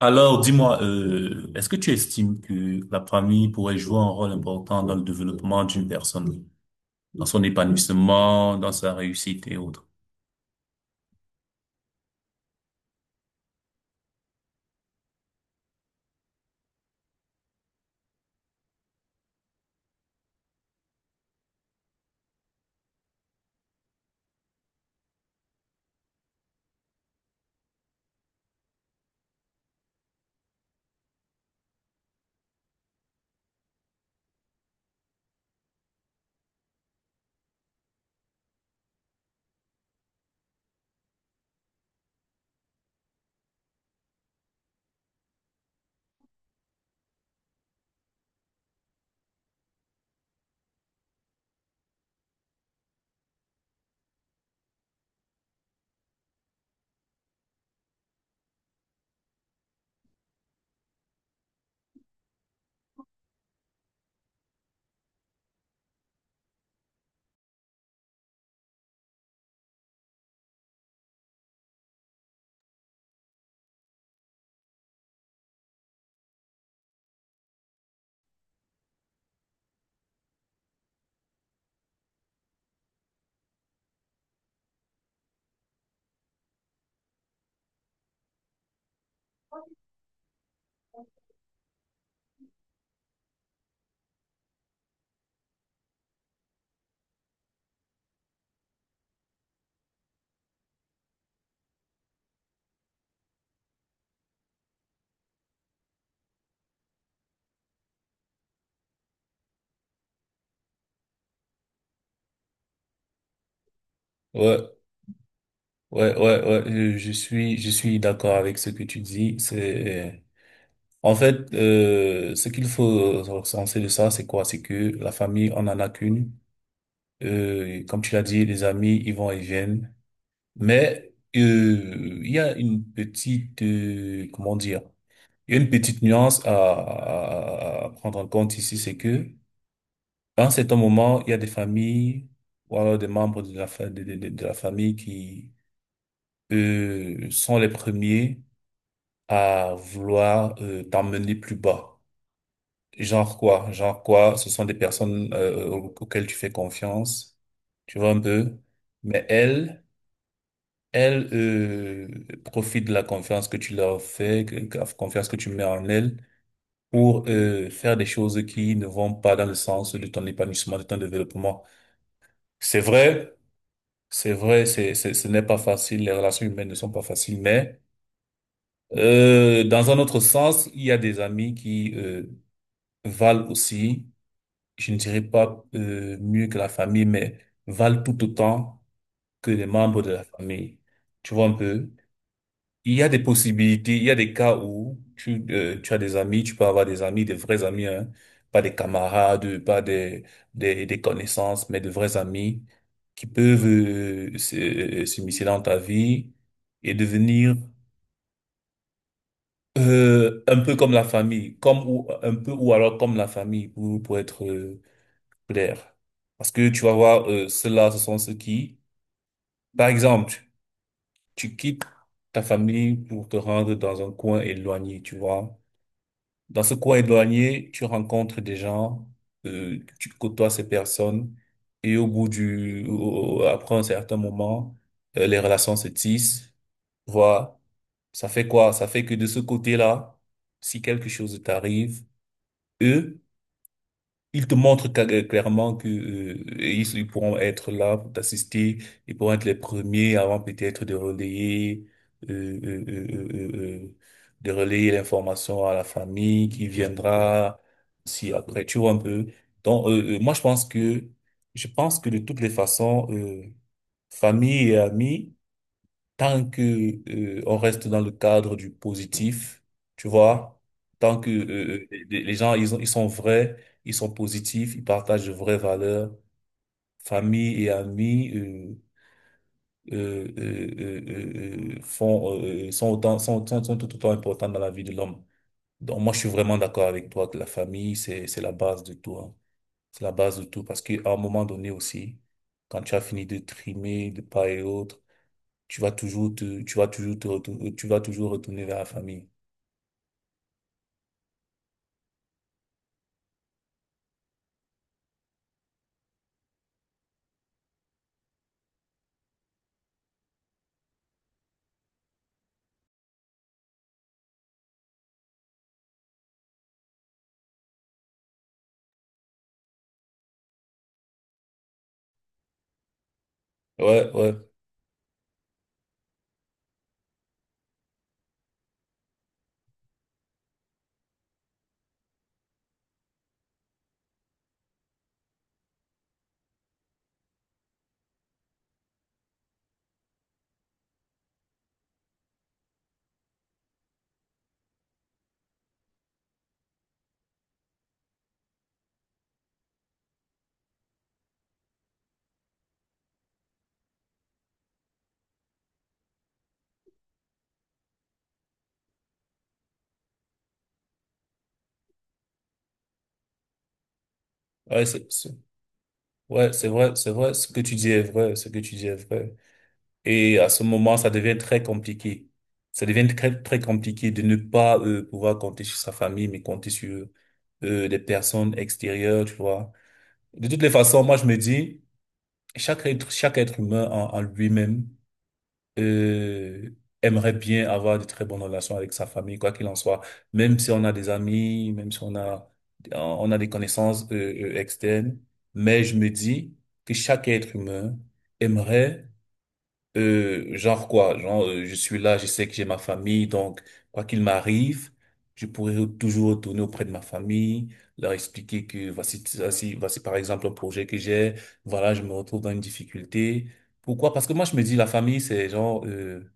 Alors, dis-moi, est-ce que tu estimes que la famille pourrait jouer un rôle important dans le développement d'une personne, dans son épanouissement, dans sa réussite et autres? Ouais, ouais, ouais, ouais, je suis d'accord avec ce que tu dis. Ce qu'il faut recenser de ça, c'est quoi? C'est que la famille, on en a qu'une. Comme tu l'as dit, les amis, ils vont et viennent. Mais il y a une petite, comment dire, il y a une petite nuance à prendre en compte ici, c'est que à un certain moment, il y a des familles ou alors des membres de la, fa- de la famille qui sont les premiers à vouloir t'emmener plus bas. Genre quoi? Genre quoi? Ce sont des personnes auxquelles tu fais confiance, tu vois un peu. Mais elles, elles profitent de la confiance que tu leur fais, que la confiance que tu mets en elles, pour faire des choses qui ne vont pas dans le sens de ton épanouissement, de ton développement. C'est vrai, c'est vrai, ce n'est pas facile, les relations humaines ne sont pas faciles, mais dans un autre sens, il y a des amis qui valent aussi. Je ne dirais pas mieux que la famille, mais valent tout autant que les membres de la famille. Tu vois un peu? Il y a des possibilités, il y a des cas où tu as des amis, tu peux avoir des amis, des vrais amis, hein, pas des camarades, pas des, des connaissances, mais de vrais amis qui peuvent s'immiscer dans ta vie et devenir un peu comme la famille, comme ou un peu ou alors comme la famille pour être clair. Parce que tu vas voir, ceux-là, ce sont ceux qui, par exemple, tu quittes ta famille pour te rendre dans un coin éloigné, tu vois. Dans ce coin éloigné, tu rencontres des gens, tu côtoies ces personnes, et au bout du, au- au- après un certain moment, les relations se tissent, tu vois. Ça fait quoi? Ça fait que de ce côté-là, si quelque chose t'arrive, eux, ils te montrent clairement que ils, ils pourront être là pour t'assister, ils pourront être les premiers avant peut-être euh, euh, euh, euh, euh, euh, de relayer l'information à la famille qui viendra si après tu vois un peu. Donc moi je pense que de toutes les façons famille et amis tant que on reste dans le cadre du positif, tu vois, tant que les gens ils sont vrais, ils sont positifs, ils partagent de vraies valeurs, famille et amis font sont tout autant importants dans la vie de l'homme. Donc moi je suis vraiment d'accord avec toi que la famille c'est la base de tout, hein. C'est la base de tout parce qu'à un moment donné aussi, quand tu as fini de trimer de part et autre tu vas tu vas tu vas toujours retourner vers la famille. Ouais, ouais, ouais, ouais, c'est vrai, ce que tu dis est vrai, ce que tu dis est vrai. Et à ce moment, ça devient très compliqué. Ça devient très, très compliqué de ne pas pouvoir compter sur sa famille, mais compter sur des personnes extérieures, tu vois. De toutes les façons, moi, je me dis, chaque être humain en lui-même euh, aimerait bien avoir de très bonnes relations avec sa famille, quoi qu'il en soit. Même si on a des amis, même si on a, on a des connaissances externes. Mais je me dis que chaque être humain aimerait, genre quoi, genre je suis là, je sais que j'ai ma famille, donc quoi qu'il m'arrive, je pourrais toujours retourner auprès de ma famille, leur expliquer que voici, voici, voici par exemple un projet que j'ai, voilà, je me retrouve dans une difficulté. Pourquoi? Parce que moi, je me dis, la famille, c'est genre, euh,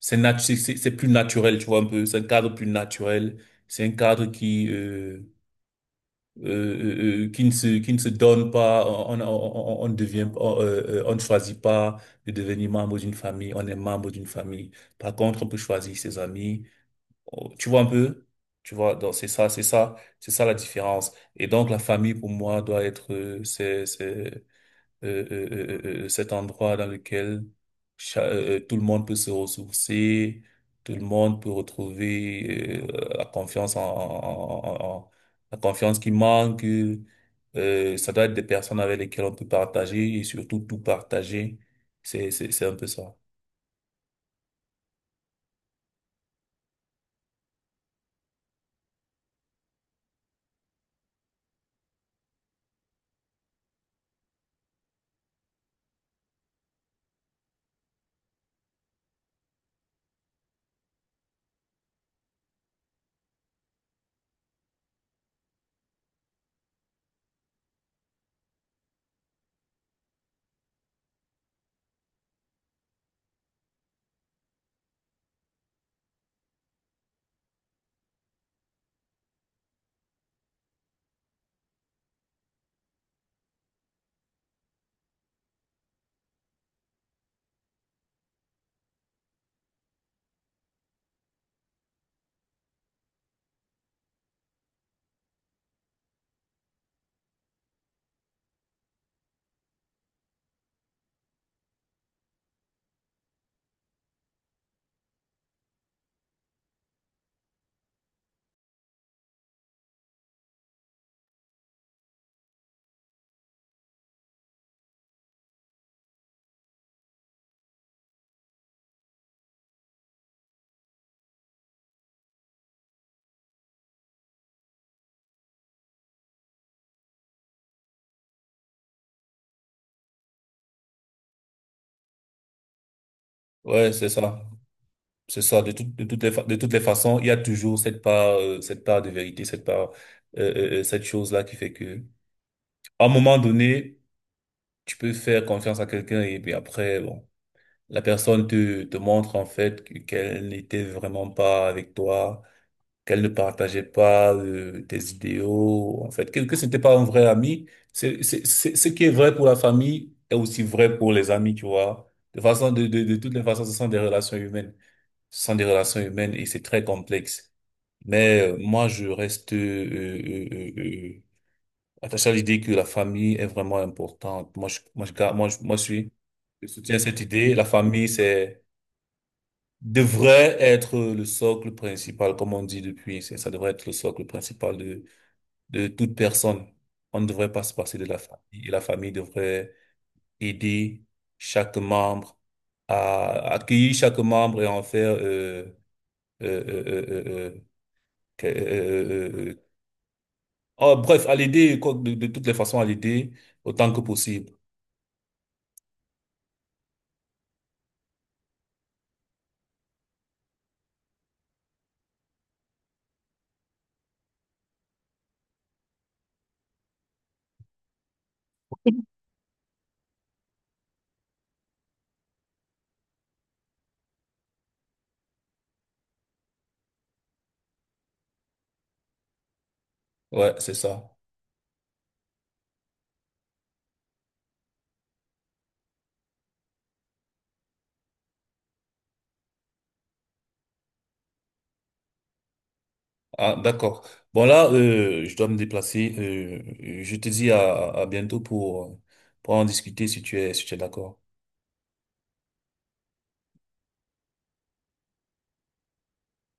c'est nat- c'est c'est- c'est plus naturel, tu vois, un peu. C'est un cadre plus naturel. C'est un cadre qui ne se donne pas. On ne choisit pas de devenir membre d'une famille. On est membre d'une famille. Par contre, on peut choisir ses amis. Oh, tu vois un peu? Tu vois, donc c'est ça la différence. Et donc, la famille, pour moi, doit être, cet endroit dans lequel tout le monde peut se ressourcer, tout le monde peut retrouver la confiance la confiance qui manque. Ça doit être des personnes avec lesquelles on peut partager et surtout tout partager. C'est un peu ça. Ouais, c'est ça. C'est ça. De toutes les façons, il y a toujours cette part de vérité, cette part cette chose-là qui fait que à un moment donné tu peux faire confiance à quelqu'un et puis après, bon, te montre en fait qu'elle n'était vraiment pas avec toi, qu'elle ne partageait pas tes idéaux, en fait, que c'était pas un vrai ami. Ce qui est vrai pour la famille est aussi vrai pour les amis, tu vois. De toutes les façons, ce sont des relations humaines. Ce sont des relations humaines et c'est très complexe. Mais moi, je reste attaché à l'idée que la famille est vraiment importante. Moi, je suis, je soutiens cette idée. Devrait être le socle principal, comme on dit depuis. Ça devrait être le socle principal de toute personne. On ne devrait pas se passer de la famille. Et la famille devrait aider chaque membre à accueillir chaque membre et en faire, euh, euh, euh, euh, euh, que- ah, bref, à l'aider, quoi, de toutes les façons, à l'aider autant que possible. Ouais, c'est ça. Ah, d'accord. Bon, là, je dois me déplacer. Je te dis à bientôt pour en discuter si tu es, si tu es d'accord.